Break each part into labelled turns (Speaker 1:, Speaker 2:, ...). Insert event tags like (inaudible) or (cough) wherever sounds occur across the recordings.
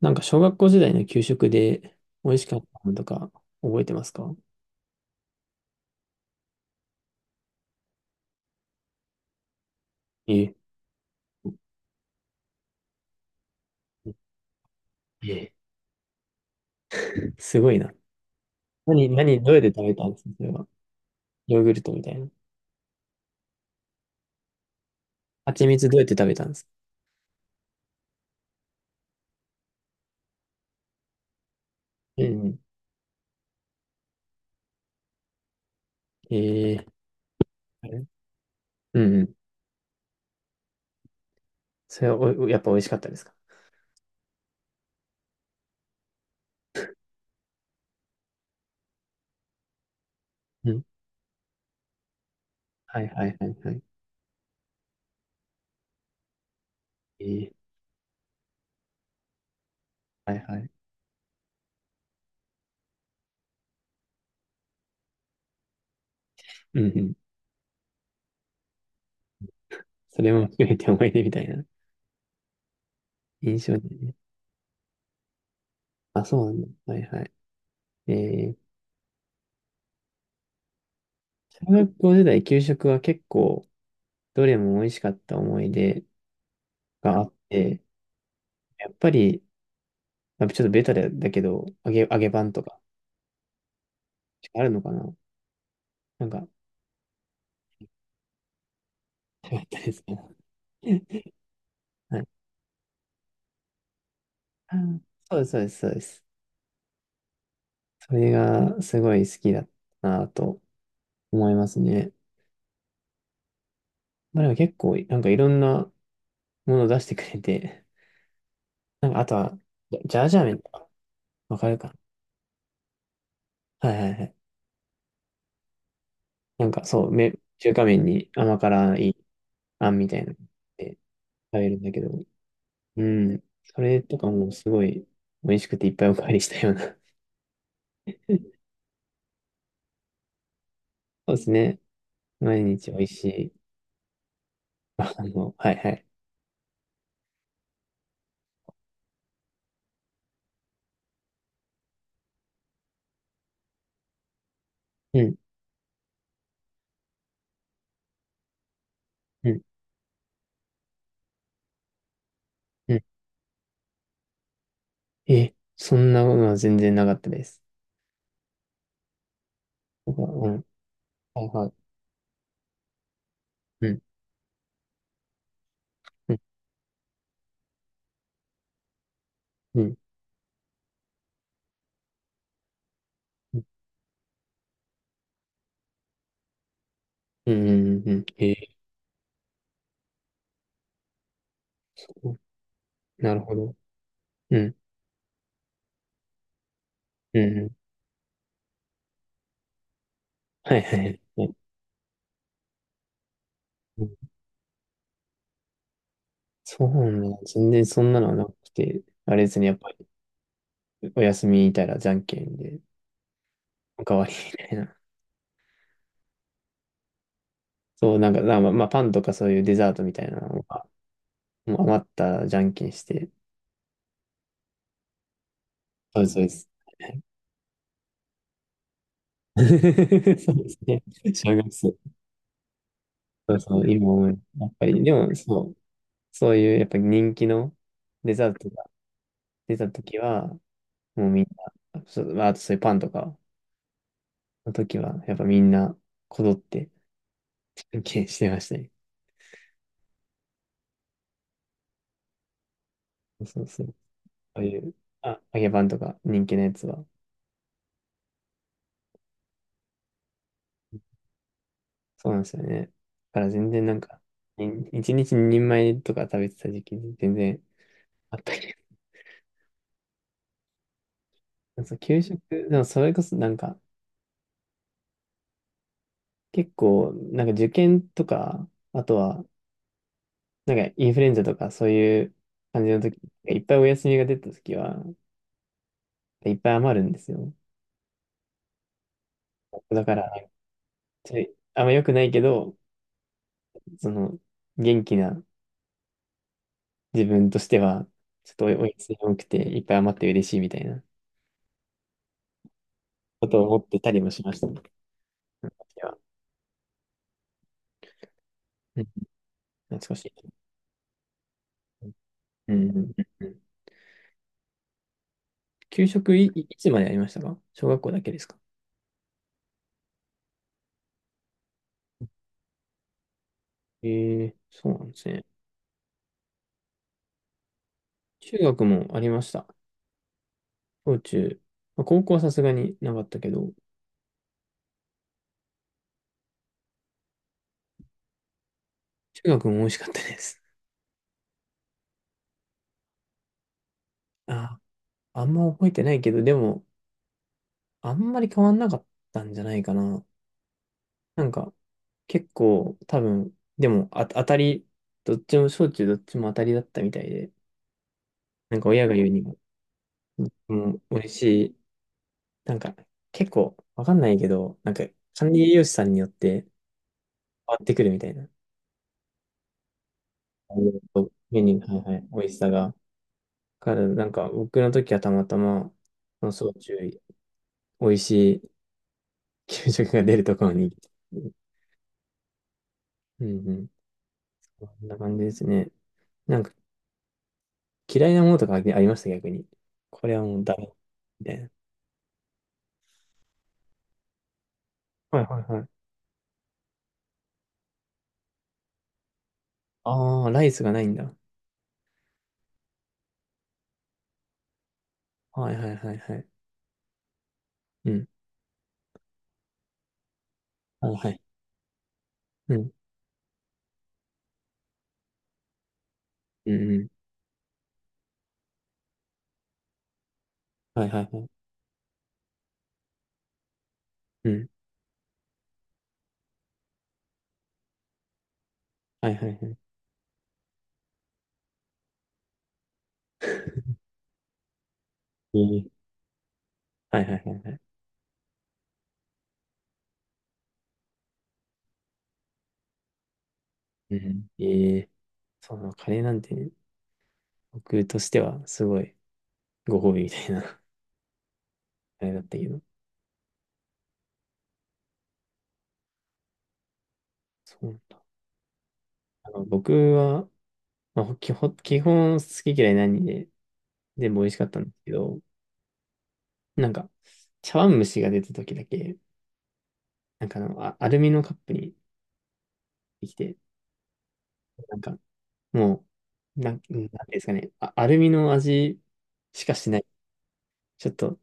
Speaker 1: なんか小学校時代の給食で美味しかったものとか覚えてますか？ええ、えすごいな。何、何、どうやって食べたんですかそれは。ヨーグルトみたいな。蜂蜜どうやって食べたんですか？うんうん。ええ、うんうん。それはお、やっぱ美味しかったですか？うん。はいはいはいはい。ええ、はいはい。うんうん。それも含めて思い出みたいな印象でね。あ、そうなんだ。はいはい。ええ、小学校時代給食は結構どれも美味しかった思い出があって、やっぱり、まあちょっとベタだけど、揚げパンとか、あるのかな、なんか、よかったですね。(laughs) はい。あー、そうです、そうです、そうです。それがすごい好きだったなと思いますね。まあ、でも結構、なんかいろんなもの出してくれて、なんかあとは、ジャージャー麺とか、わかるかな。はいはいはい。なんかそう、中華麺に甘辛いあんみたいなので食べるんだけど、うん。それとかもすごい美味しくていっぱいおかわりしたような。(laughs) そうですね。毎日美味しい。(laughs) あの、はいはい。うん、うん、うん。え、そんなのは全然なかったです。うん、はいはい。うん、うん、うん、うん、うん、うんうん、えー、そう、なるほど。うん、うん、うん。はいはい。はい。うん。そうなんだ。全然そんなのはなくて、あれですね、やっぱりお休みいたらじゃんけんで、おかわりみたいな。(laughs) そう、なんか、まあ、パンとかそういうデザートみたいなのが、もう余ったらじゃんけんして、そうです、そうです。(laughs) そうですね。小学生。そうそう、今思う。やっぱり、でも、そう、そういう、やっぱり人気のデザートが出た時は、もうみんな、そう、まああとそういうパンとかの時は、やっぱみんな、こぞって、献金してましたね。そうそうそう。いう、あ、揚げパンとか人気のやつは、そうなんですよね。だから全然なんか、い一日二人前とか食べてた時期に全然あったけど、そう、給食、でもそれこそなんか、結構、なんか受験とか、あとは、なんかインフルエンザとかそういう感じの時、いっぱいお休みが出た時は、いっぱい余るんですよ。だから、ちょいあんま良くないけど、その、元気な自分としては、ちょっとお休み多くて、いっぱい余って嬉しいみたいなことを思ってたりもしましたね。うん、私はうん懐かしい。うん。うんうん。給食いつまでありましたか？小学校だけですか？ええ、そうなんですね。中学もありました。小中。まあ、高校はさすがになかったけど、中学も美味しかったです。あ、あんま覚えてないけど、でも、あんまり変わんなかったんじゃないかな。なんか、結構、多分、でも、あ、当たり、どっちも、小中どっちも当たりだったみたいで、なんか親が言うにも、もう、美味しい。なんか、結構、わかんないけど、なんか、管理栄養士さんによって変わってくるみたいな。メニュー、はいはい、美味しさが。から、なんか、僕の時はたまたま、その小中美味しい給食が出るところに。うんうん。こんな感じですね。なんか嫌いなものとかありました、逆に。これはもうダメ。みたいな。はいはいはい。ああ、ライスがないんだ。はいはいはいはい。うん。はいはい。うん。うんうん。はいはいはい。うん。はいはいはい。ええ。はいはいはい。うん。ええ。そうなの、カレーなんてね、僕としてはすごいご褒美みたいな、 (laughs) あれだったけど。そう。あの、僕は、まあ、基本好き嫌いないんで、全部美味しかったんですけど、なんか、茶碗蒸しが出た時だけ、なんかあの、アルミのカップにできて、なんか、もう、なんていうんですかね、あ、アルミの味しかしない。ちょっと、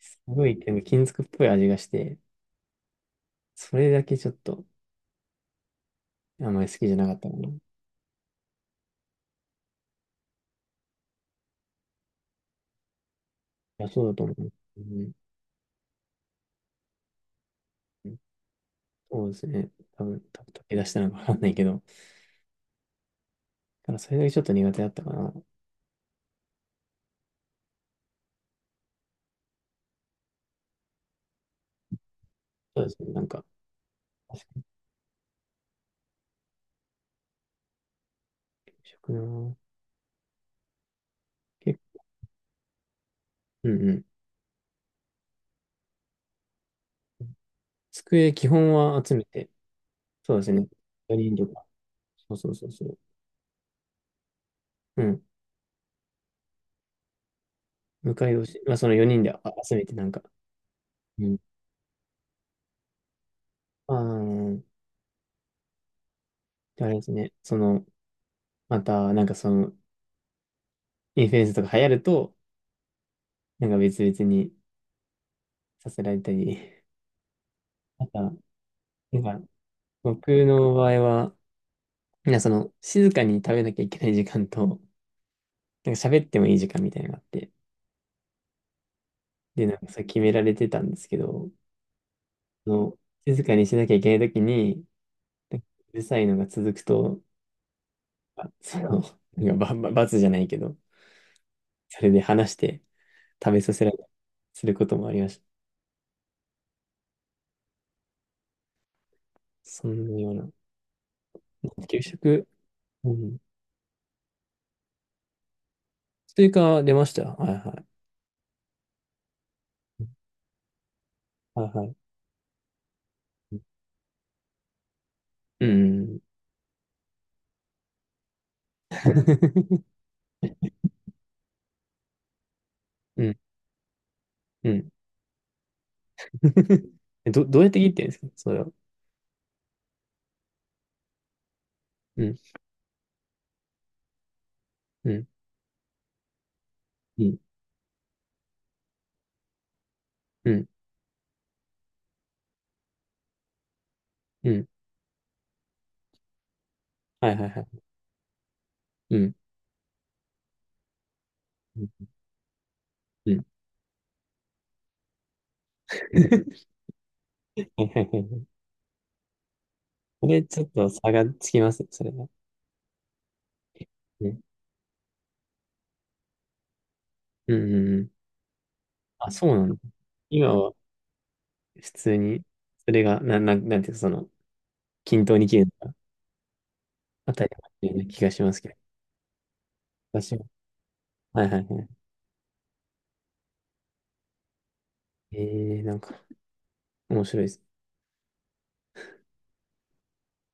Speaker 1: すごい、なんか金属っぽい味がして、それだけちょっと、あんまり好きじゃなかったかな。いや、そうだと思う。うん、そうですね。多分、溶け出したのかわかんないけど、だからそれだけちょっと苦手だったかな。そうですね。なんか、確かに食な。結構、うんうん。机基本は集めて、そうですね。4人とか。そうそうそうそう。うん。迎えをし、まあ、その4人であ集めてなんか。うん。あー、で、あれですね。その、また、なんかその、インフルエンスとか流行ると、なんか別々にさせられたり。(laughs) あとは、なんか、僕の場合は、なんかその、静かに食べなきゃいけない時間と、なんか喋ってもいい時間みたいなのがあって。で、なんかそれ決められてたんですけど、その、静かにしなきゃいけないときに、うるさいのが続くと、(laughs) あその、なんか罰じゃないけど、それで話して食べさせられたりすることもありました。そんなような。給食、うん。スイカ出ました。はいはい。はいはい。うん。うん。うん。(laughs) え、どどうやって切ってるんですかそれは。うん。うん。うん。うん。うん。はいはいはい。うん。うん。うん。(laughs) はいはいはい。これちょっと差がつきますね、それは。ね、うん。うん。うん。あ、そうなんだ。今は普通に、それが、なんていうか、その、均等に切る。あたりだ入ってようね気がしますけど。私も。はいはいはい。えー、なんか、面白いです。